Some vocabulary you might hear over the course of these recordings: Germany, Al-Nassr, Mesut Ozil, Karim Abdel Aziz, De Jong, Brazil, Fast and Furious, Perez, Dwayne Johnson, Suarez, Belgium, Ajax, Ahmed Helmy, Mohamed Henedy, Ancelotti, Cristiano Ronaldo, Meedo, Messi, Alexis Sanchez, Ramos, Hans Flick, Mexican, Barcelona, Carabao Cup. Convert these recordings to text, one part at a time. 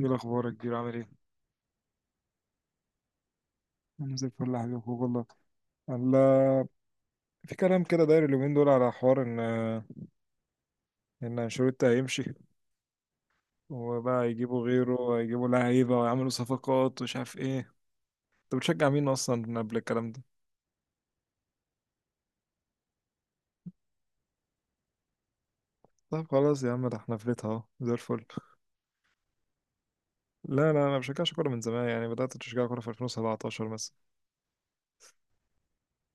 ايه الاخبار يا كبير، عامل ايه؟ انا زي الفل يا حبيبي، أخوك والله. الله. في كلام كده داير اليومين دول على حوار ان ان انشيلوتي هيمشي، وبقى يجيبوا غيره، هيجيبوا لعيبه ويعملوا صفقات ومش عارف ايه. انت بتشجع مين اصلا قبل الكلام ده؟ طب خلاص يا عم، ده احنا فلتها اهو زي الفل. لا، لا، انا ما بشجعش كوره من زمان، يعني بدات اشجع كوره في 2017 مثلا.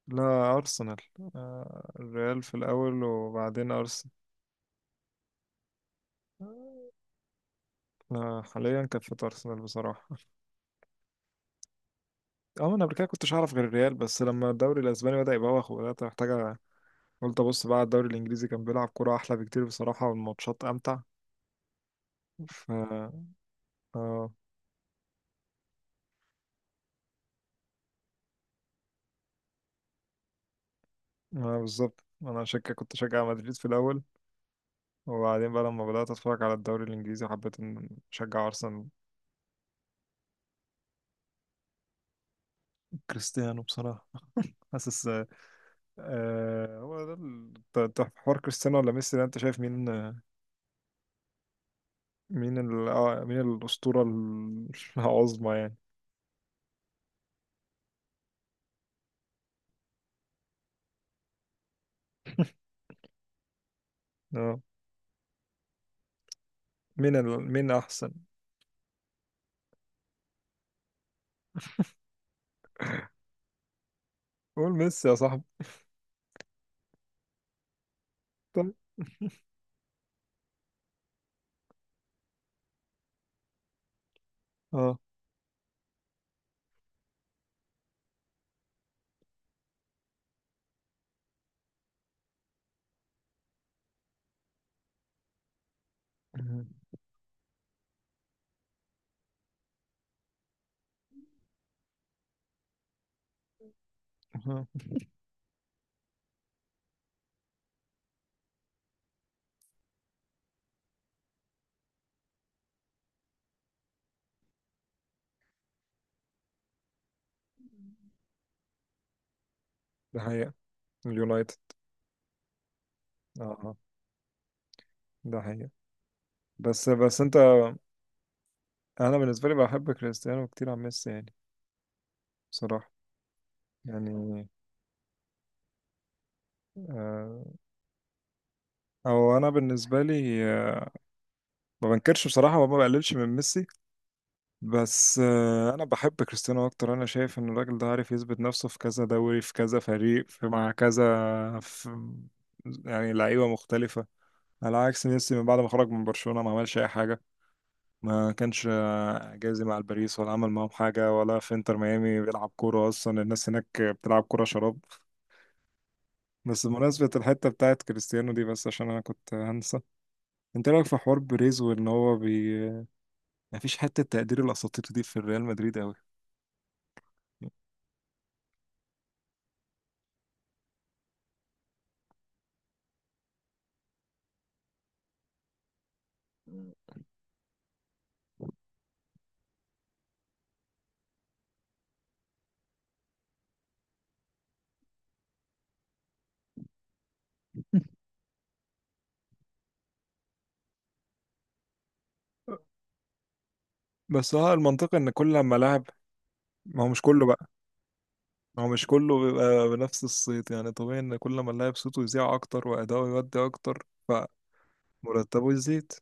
لا، ارسنال. آه، الريال في الاول وبعدين ارسنال. آه، حاليا كانت في ارسنال بصراحه. اه، انا قبل كده كنتش اعرف غير الريال، بس لما الدوري الاسباني بدا يبوخ وبدات محتاجه، قلت ابص بقى على الدوري الانجليزي، كان بيلعب كوره احلى بكتير بصراحه والماتشات امتع. ف اه آه، بالظبط انا شك كنت شجع مدريد في الاول، وبعدين بقى لما بدات اتفرج على الدوري الانجليزي حبيت ان اشجع ارسنال. كريستيانو بصراحه. حاسس. آه، هو ده حوار كريستيانو ولا ميسي، ده انت شايف مين؟ مين ال... آه، مين الاسطوره العظمى يعني. اه. مين احسن؟ قول ميسي يا صاحبي. طيب. اه. مم. مم. ده حقيقة. اليونايتد. اه، اه. ده حقيقة. بس انت. انا بالنسبة لي بحب كريستيانو كتير عن ميسي، يعني. بصراحة. يعني. آه. او انا بالنسبة لي، ما بنكرش بصراحة وما بقللش من ميسي. بس انا بحب كريستيانو اكتر، انا شايف ان الراجل ده عارف يثبت نفسه في كذا دوري، في كذا فريق، في مع كذا، في، يعني لعيبة مختلفة. على عكس ميسي، من بعد ما خرج من برشلونة ما عملش اي حاجة. ما كانش جايز مع الباريس، ولا عمل معاهم حاجة، ولا في انتر ميامي بيلعب كورة، أصلا الناس هناك بتلعب كورة شراب. بس بمناسبة الحتة بتاعت كريستيانو دي، بس عشان أنا كنت هنسى. انت رأيك في حوار بيريز، وإن هو مفيش حتة تقدير الأساطير دي في الريال مدريد أوي. بس هو المنطقة، إن كل لما لاعب. ما هو مش كله بقى. ما هو مش كله بيبقى بنفس الصيت، يعني طبيعي إن كل لما اللاعب صوته يذيع أكتر وأداؤه يودي أكتر، فمرتبه يزيد.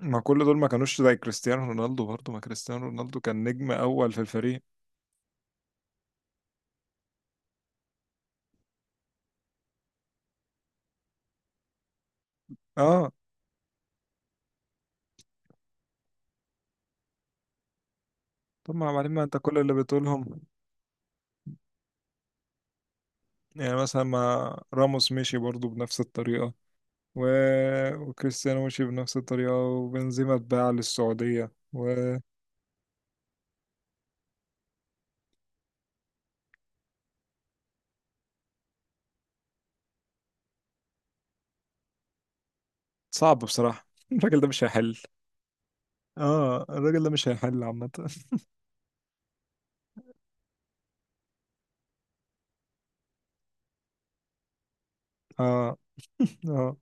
ما كل دول ما كانوش زي كريستيانو رونالدو برضه، ما كريستيانو رونالدو كان نجم اول في الفريق. اه، طب ما بعدين ما انت كل اللي بتقولهم. يعني مثلا ما راموس مشي برضه بنفس الطريقة، و... وكريستيانو مشي بنفس الطريقة، وبنزيما اتباع للسعودية و. صعب بصراحة الراجل ده مش هيحل. اه، الراجل ده مش هيحل عامة اه، اه.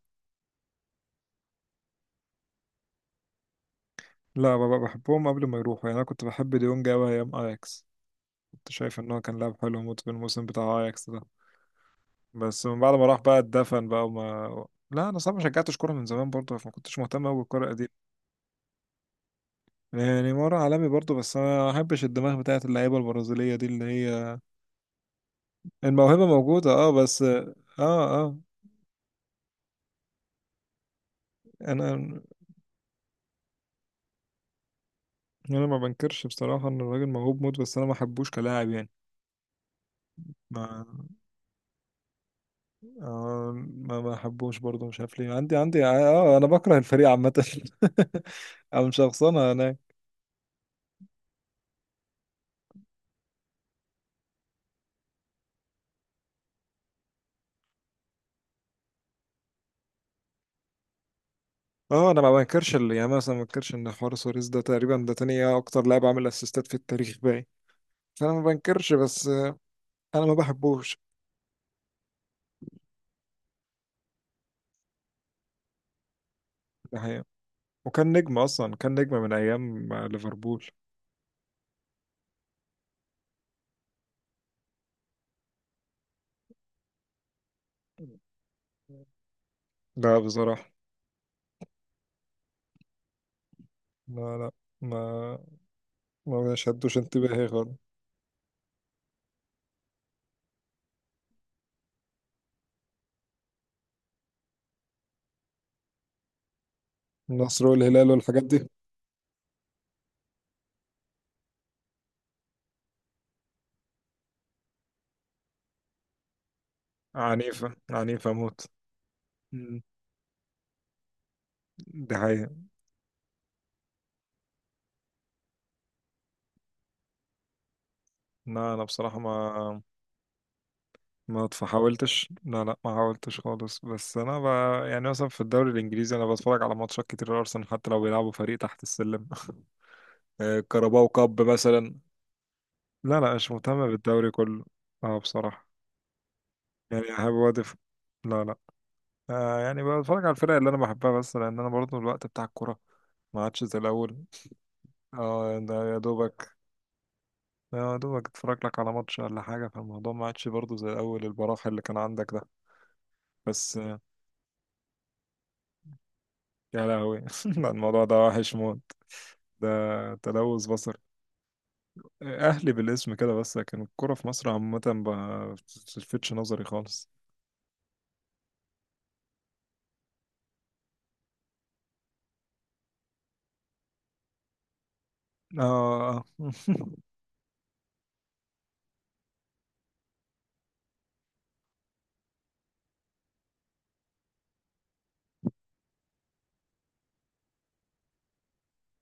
لا بابا، بحبهم قبل ما يروحوا، يعني انا كنت بحب ديونج قوي ايام اياكس. كنت شايف ان هو كان لاعب حلو موت في الموسم بتاع اياكس. بس من بعد ما راح بقى اتدفن بقى وما. لا، انا صعب، ما شجعتش كوره من زمان برضه، فما كنتش مهتم قوي بالكوره القديمه. يعني مره عالمي برضه، بس انا ما احبش الدماغ بتاعت اللعيبه البرازيليه دي اللي هي. الموهبه موجوده، اه، بس، اه. اه. انا انا ما بنكرش بصراحه ان الراجل موهوب موت، بس انا ما احبوش كلاعب يعني. ما، آه، ما احبوش برضه، مش عارف ليه، عندي انا بكره الفريق عامه. او مش شخصنها انا. اه، انا ما بنكرش اللي يعني، مثلا ما بنكرش ان حوار سواريز ده تقريبا ده تاني اكتر لاعب عامل اسيستات في التاريخ، باين. فانا ما بنكرش، بس. انا ما بحبوش. ده حقيقة. وكان نجم اصلا، كان نجم من ايام ليفربول. لا بصراحة. لا، لا. ما. ما شدوش انتباهي خالص. النصر والهلال والحاجات دي. عنيفة، عنيفة موت. مم. دي حقيقة. لا، أنا بصراحة ما. ما فحاولتش، لا، لا، ما حاولتش خالص، بس انا يعني مثلا في الدوري الانجليزي انا بتفرج على ماتشات كتير لارسنال حتى لو بيلعبوا فريق تحت السلم آه، كاراباو كاب مثلا. لا، لا، مش مهتم بالدوري كله. اه بصراحة. يعني احب وادف. لا، لا. آه يعني، بتفرج على الفرق اللي انا بحبها، بس لان انا برضه الوقت بتاع الكورة ما عادش زي الاول. اه، ده يا دوبك. آه، يا دوبك اتفرج لك على ماتش ولا حاجة، فالموضوع ما عادش برضه زي الاول، البراح اللي كان عندك ده. بس. يا لهوي لا، الموضوع ده وحش موت. ده. تلوث بصر. اهلي بالاسم كده بس، لكن الكرة في مصر عامة ما بتلفتش نظري خالص. اه.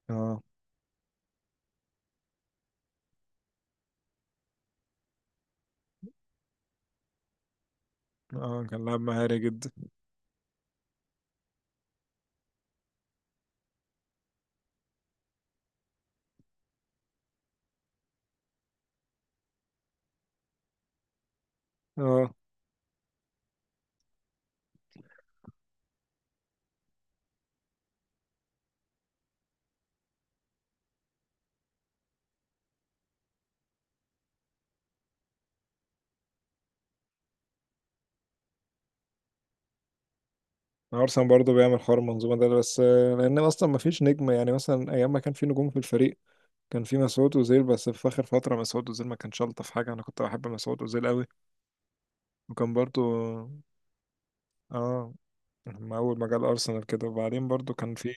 اه. اه، كان لاعب مهاري جدا. اه، ارسنال برضه بيعمل حوار المنظومه ده، بس لان اصلا ما فيش نجم، يعني مثلا ايام ما كان في نجوم في الفريق، كان في مسعود اوزيل، بس في اخر فتره مسعود اوزيل ما كانش شلطه في حاجه، انا كنت بحب مسعود اوزيل قوي. وكان برضه. اه. لما اول ما جه الارسنال كده، وبعدين برضه كان في.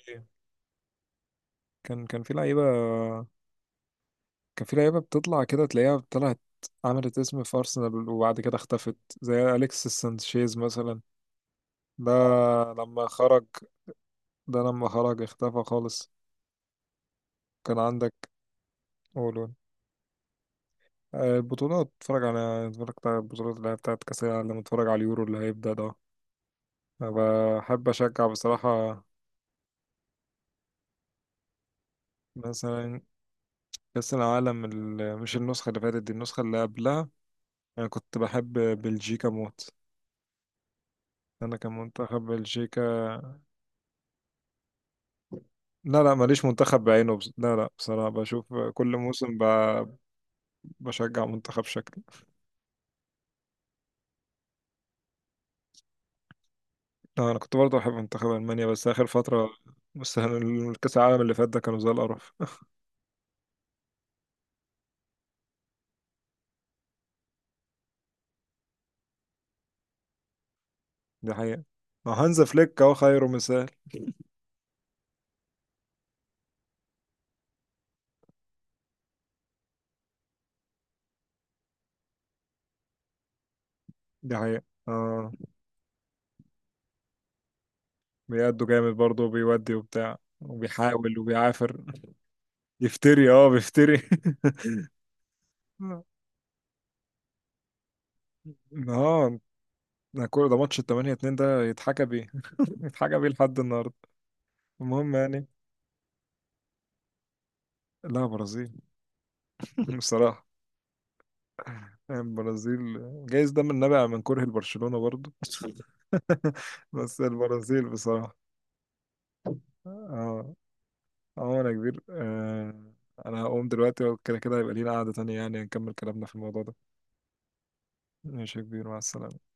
كان في لعيبة. كان في لعيبة بتطلع كده تلاقيها طلعت، عملت اسم في أرسنال وبعد كده اختفت، زي أليكس سانشيز مثلا. ده لما خرج. ده لما خرج اختفى خالص. كان عندك. قولوا. آه، البطولات، اتفرجت على البطولات اللي هي بتاعت كأس العالم، لما اتفرج على اليورو اللي هيبدأ ده. أنا بحب أشجع بصراحة. مثلا كأس العالم مش النسخة اللي فاتت دي، النسخة اللي قبلها. أنا كنت بحب بلجيكا موت. أنا كان منتخب بلجيكا. لا، لا، ماليش منتخب بعينه، بس. لا، لا، بصراحة بشوف كل موسم بشجع منتخب شكل. لا، أنا كنت برضه بحب منتخب ألمانيا، بس آخر فترة. بس الكأس العالم اللي فات ده كانوا زي القرف. دي حقيقة. ما هانز فليك أهو خيره مثال. دي حقيقة، آه. بيأدوا جامد برضه، وبيودي وبتاع وبيحاول وبيعافر. يفتري، اه، بيفتري. اه. ده كل ده ماتش التمانية اتنين ده يتحكى بيه. يتحكى بيه لحد النهاردة. المهم يعني. لا، برازيل. بصراحة. البرازيل. جايز ده من نابع من كره لبرشلونة برضو. بس البرازيل بصراحة. اه. اه، انا كبير، آه. انا هقوم دلوقتي، وكده كده هيبقى لينا قعدة تانية، يعني نكمل كلامنا في الموضوع ده. ماشي يا كبير، مع السلامة.